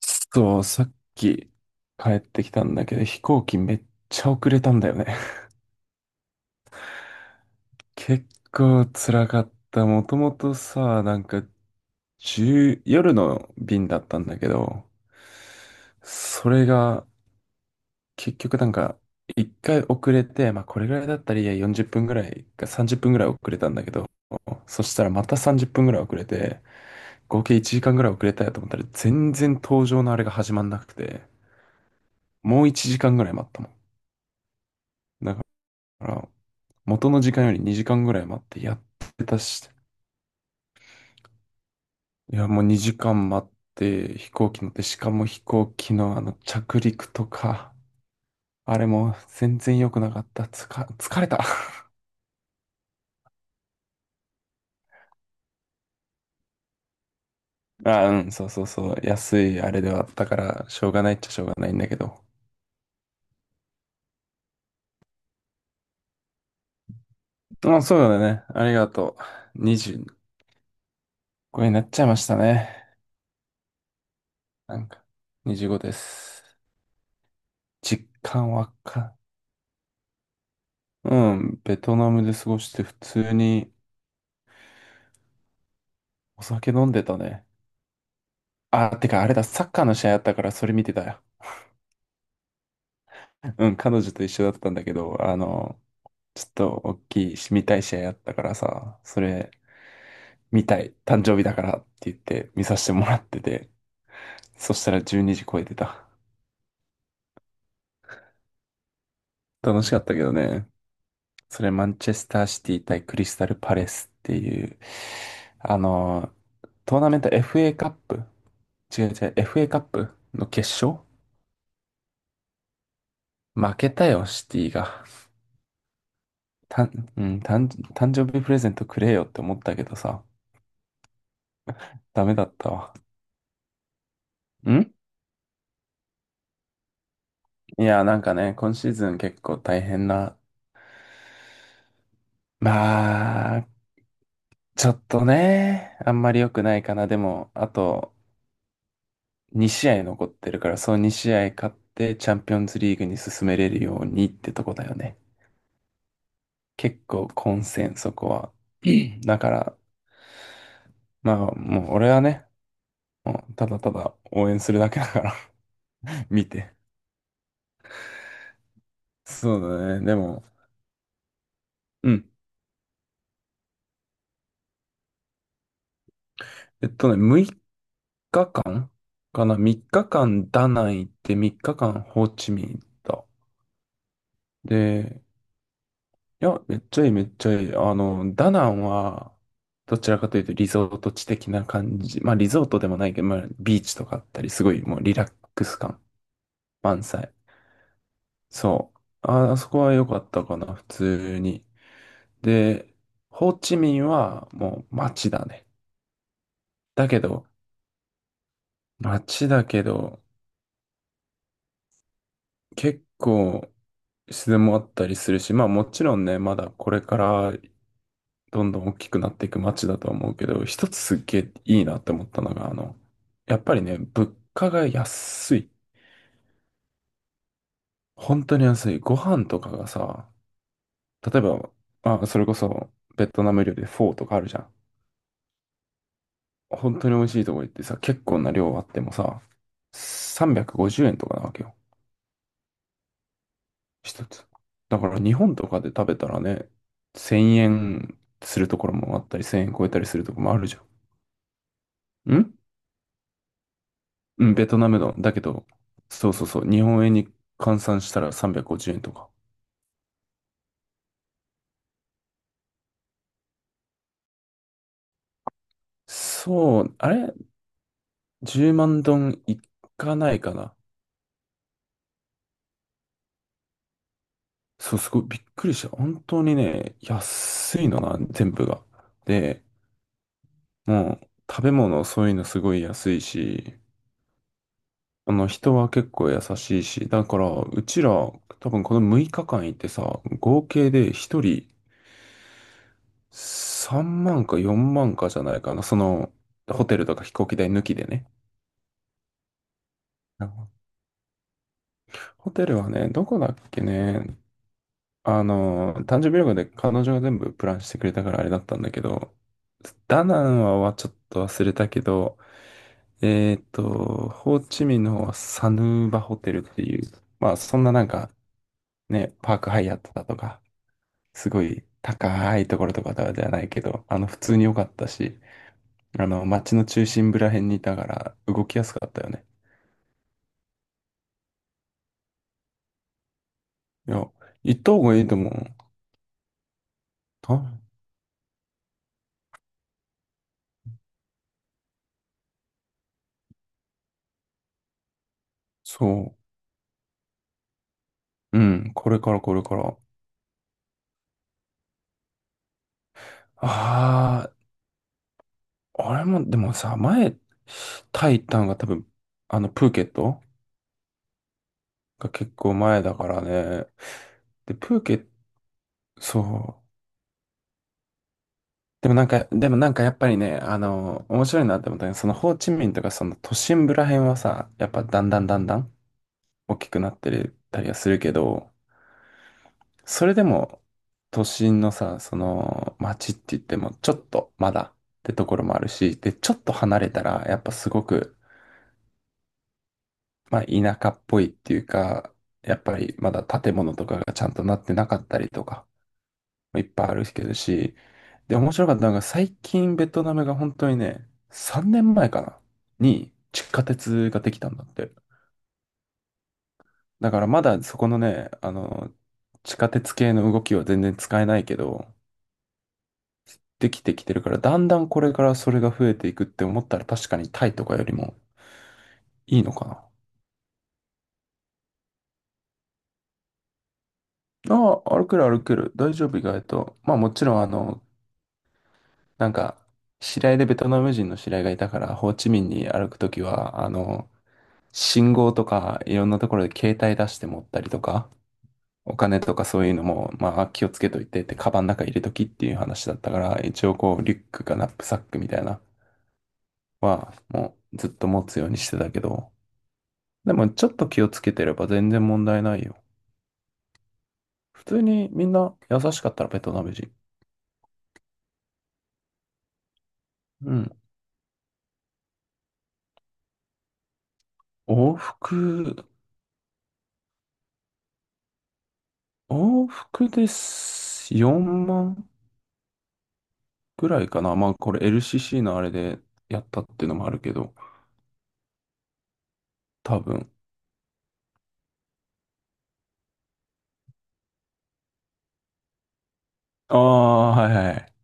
そう、さっき帰ってきたんだけど、飛行機めっちゃ遅れたんだよね。結構辛かった。もともとさ、なんか、1夜の便だったんだけど、それが、結局なんか、一回遅れて、まあこれぐらいだったらいいや、40分ぐらいか30分ぐらい遅れたんだけど、そしたらまた30分ぐらい遅れて、合計1時間ぐらい遅れたやと思ったら、全然搭乗のあれが始まんなくて、もう1時間ぐらい待ったもん。だから、元の時間より2時間ぐらい待ってやってたし、いや、もう2時間待って飛行機乗って、しかも飛行機の着陸とか、あれも全然良くなかった。つか、疲れた。あ、うん、そうそうそう。安いあれではあったから、しょうがないっちゃしょうがないんだけど。まあ、そうだね。ありがとう。25になっちゃいましたね。なんか、25です。実感わかうん、ベトナムで過ごして普通にお酒飲んでたね。あ、てかあれだ、サッカーの試合あったからそれ見てたよ。うん、彼女と一緒だったんだけど、ちょっと大きいし、見たい試合あったからさ、それ見たい、誕生日だからって言って見させてもらってて、そしたら12時超えてた。楽しかったけどね。それマンチェスターシティ対クリスタルパレスっていう、あの、トーナメント FA カップ違う違う、FA カップの決勝負けたよ、シティが。うん、誕生日プレゼントくれよって思ったけどさ、ダメだったわ。んいや、なんかね、今シーズン結構大変な、まあ、ちょっとね、あんまり良くないかな。でも、あと2試合残ってるから、そう2試合勝ってチャンピオンズリーグに進めれるようにってとこだよね。結構混戦、そこは。だから、まあ、もう俺はね、もうただただ応援するだけだから 見て。そうだね。でも、うん。6日間かな？ 3 日間ダナン行って、3日間ホーチミン行った。で、いや、めっちゃいい、めっちゃいい。ダナンは、どちらかというとリゾート地的な感じ。まあ、リゾートでもないけど、まあ、ビーチとかあったり、すごいもうリラックス感満載。そう。あ、あそこは良かったかな、普通に。で、ホーチミンはもう街だね。だけど、街だけど、結構自然もあったりするし、まあもちろんね、まだこれからどんどん大きくなっていく街だとは思うけど、一つすっげえいいなって思ったのが、やっぱりね、物価が安い。本当に安い。ご飯とかがさ、例えば、まあ、それこそベトナム料理でフォーとかあるじゃん。本当に美味しいとこ行ってさ、結構な量あってもさ、350円とかなわけよ。一つ。だから日本とかで食べたらね、1000円するところもあったり、1000円超えたりするところもあるじゃん。うん、ベトナムの。だけど、そうそうそう、日本円に換算したら350円とか。そう、あれ？ 10 万ドンいかないかな。そう、すごいびっくりした。本当にね、安いのな、全部が。で、もう、食べ物、そういうのすごい安いし、人は結構優しいし、だから、うちら、多分この6日間行ってさ、合計で1人3万か4万かじゃないかな。ホテルとか飛行機代抜きでね。ホテルはね、どこだっけね。誕生日旅行で彼女が全部プランしてくれたからあれだったんだけど、ダナンはちょっと忘れたけど、ホーチミンの方はサヌーバホテルっていう、まあそんななんかね、パークハイアットだとか、すごい高いところとかではないけど、普通に良かったし、街の中心部ら辺にいたから動きやすかったよね。いや、行った方がいいと思う。たそう。うん、これからこれから。ああ、俺も、でもさ、前、タイ行ったのが多分、プーケットが結構前だからね。で、プーケット、そう。でもなんかやっぱりね、面白いなって思ったのは、そのホーチミンとかその都心部ら辺はさ、やっぱだんだんだんだん大きくなってるたりはするけど、それでも都心のさ、その街って言ってもちょっとまだってところもあるし、で、ちょっと離れたらやっぱすごく、まあ田舎っぽいっていうか、やっぱりまだ建物とかがちゃんとなってなかったりとか、いっぱいあるけどし、で、面白かったのが最近ベトナムが本当にね、3年前かなに地下鉄ができたんだって。だからまだそこのね、地下鉄系の動きは全然使えないけど、できてきてるから、だんだんこれからそれが増えていくって思ったら確かにタイとかよりもいいのかな。ああ、歩ける歩ける。大丈夫意外と。まあもちろんなんか、知り合いでベトナム人の知り合いがいたから、ホーチミンに歩くときは、信号とかいろんなところで携帯出して持ったりとか、お金とかそういうのも、まあ気をつけといてって、カバンの中入れときっていう話だったから、一応こうリュックかナップサックみたいなは、もうずっと持つようにしてたけど、でもちょっと気をつけてれば全然問題ないよ。普通にみんな優しかったらベトナム人。うん。往復、往復です4万ぐらいかな。まあこれ LCC のあれでやったっていうのもあるけど、多分。ああ、はいはい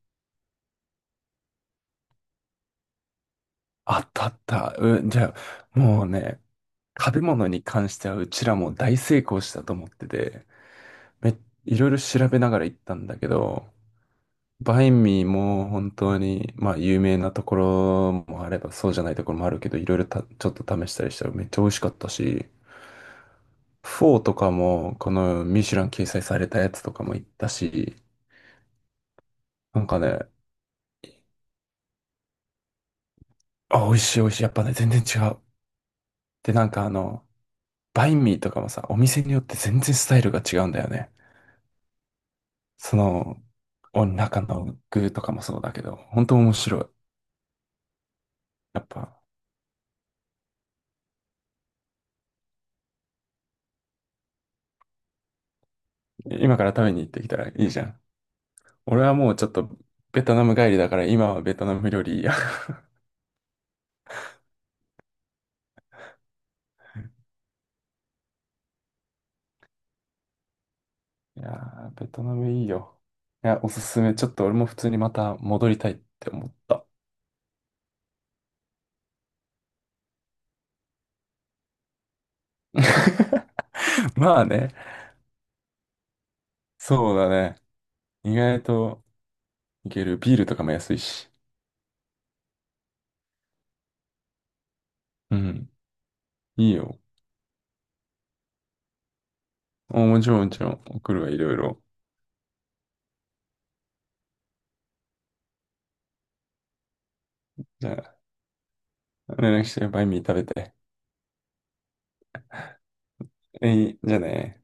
あったあった。うん、じゃあ、もうね、食べ物に関してはうちらも大成功したと思ってて、め、いろいろ調べながら行ったんだけど、バインミーも本当に、まあ有名なところもあればそうじゃないところもあるけど、いろいろ、ちょっと試したりしたらめっちゃ美味しかったし、フォーとかも、このミシュラン掲載されたやつとかも行ったし、なんかね、あ、美味しい美味しい。やっぱね、全然違う。で、なんか、バインミーとかもさ、お店によって全然スタイルが違うんだよね。その、お中の具とかもそうだけど、本当面白い。やっぱ、今から食べに行ってきたらいいじゃん。俺はもうちょっと、ベトナム帰りだから、今はベトナム料理いいや。いやー、ベトナムいいよ。いや、おすすめ。ちょっと俺も普通にまた戻りたいって思った。まあね、そうだね。意外といける。ビールとかも安いし。うん、いいよ。もちろんもちろん、送るわ、いろいろ。じゃあ、連絡して、バインミー食べて。えい、じゃあね。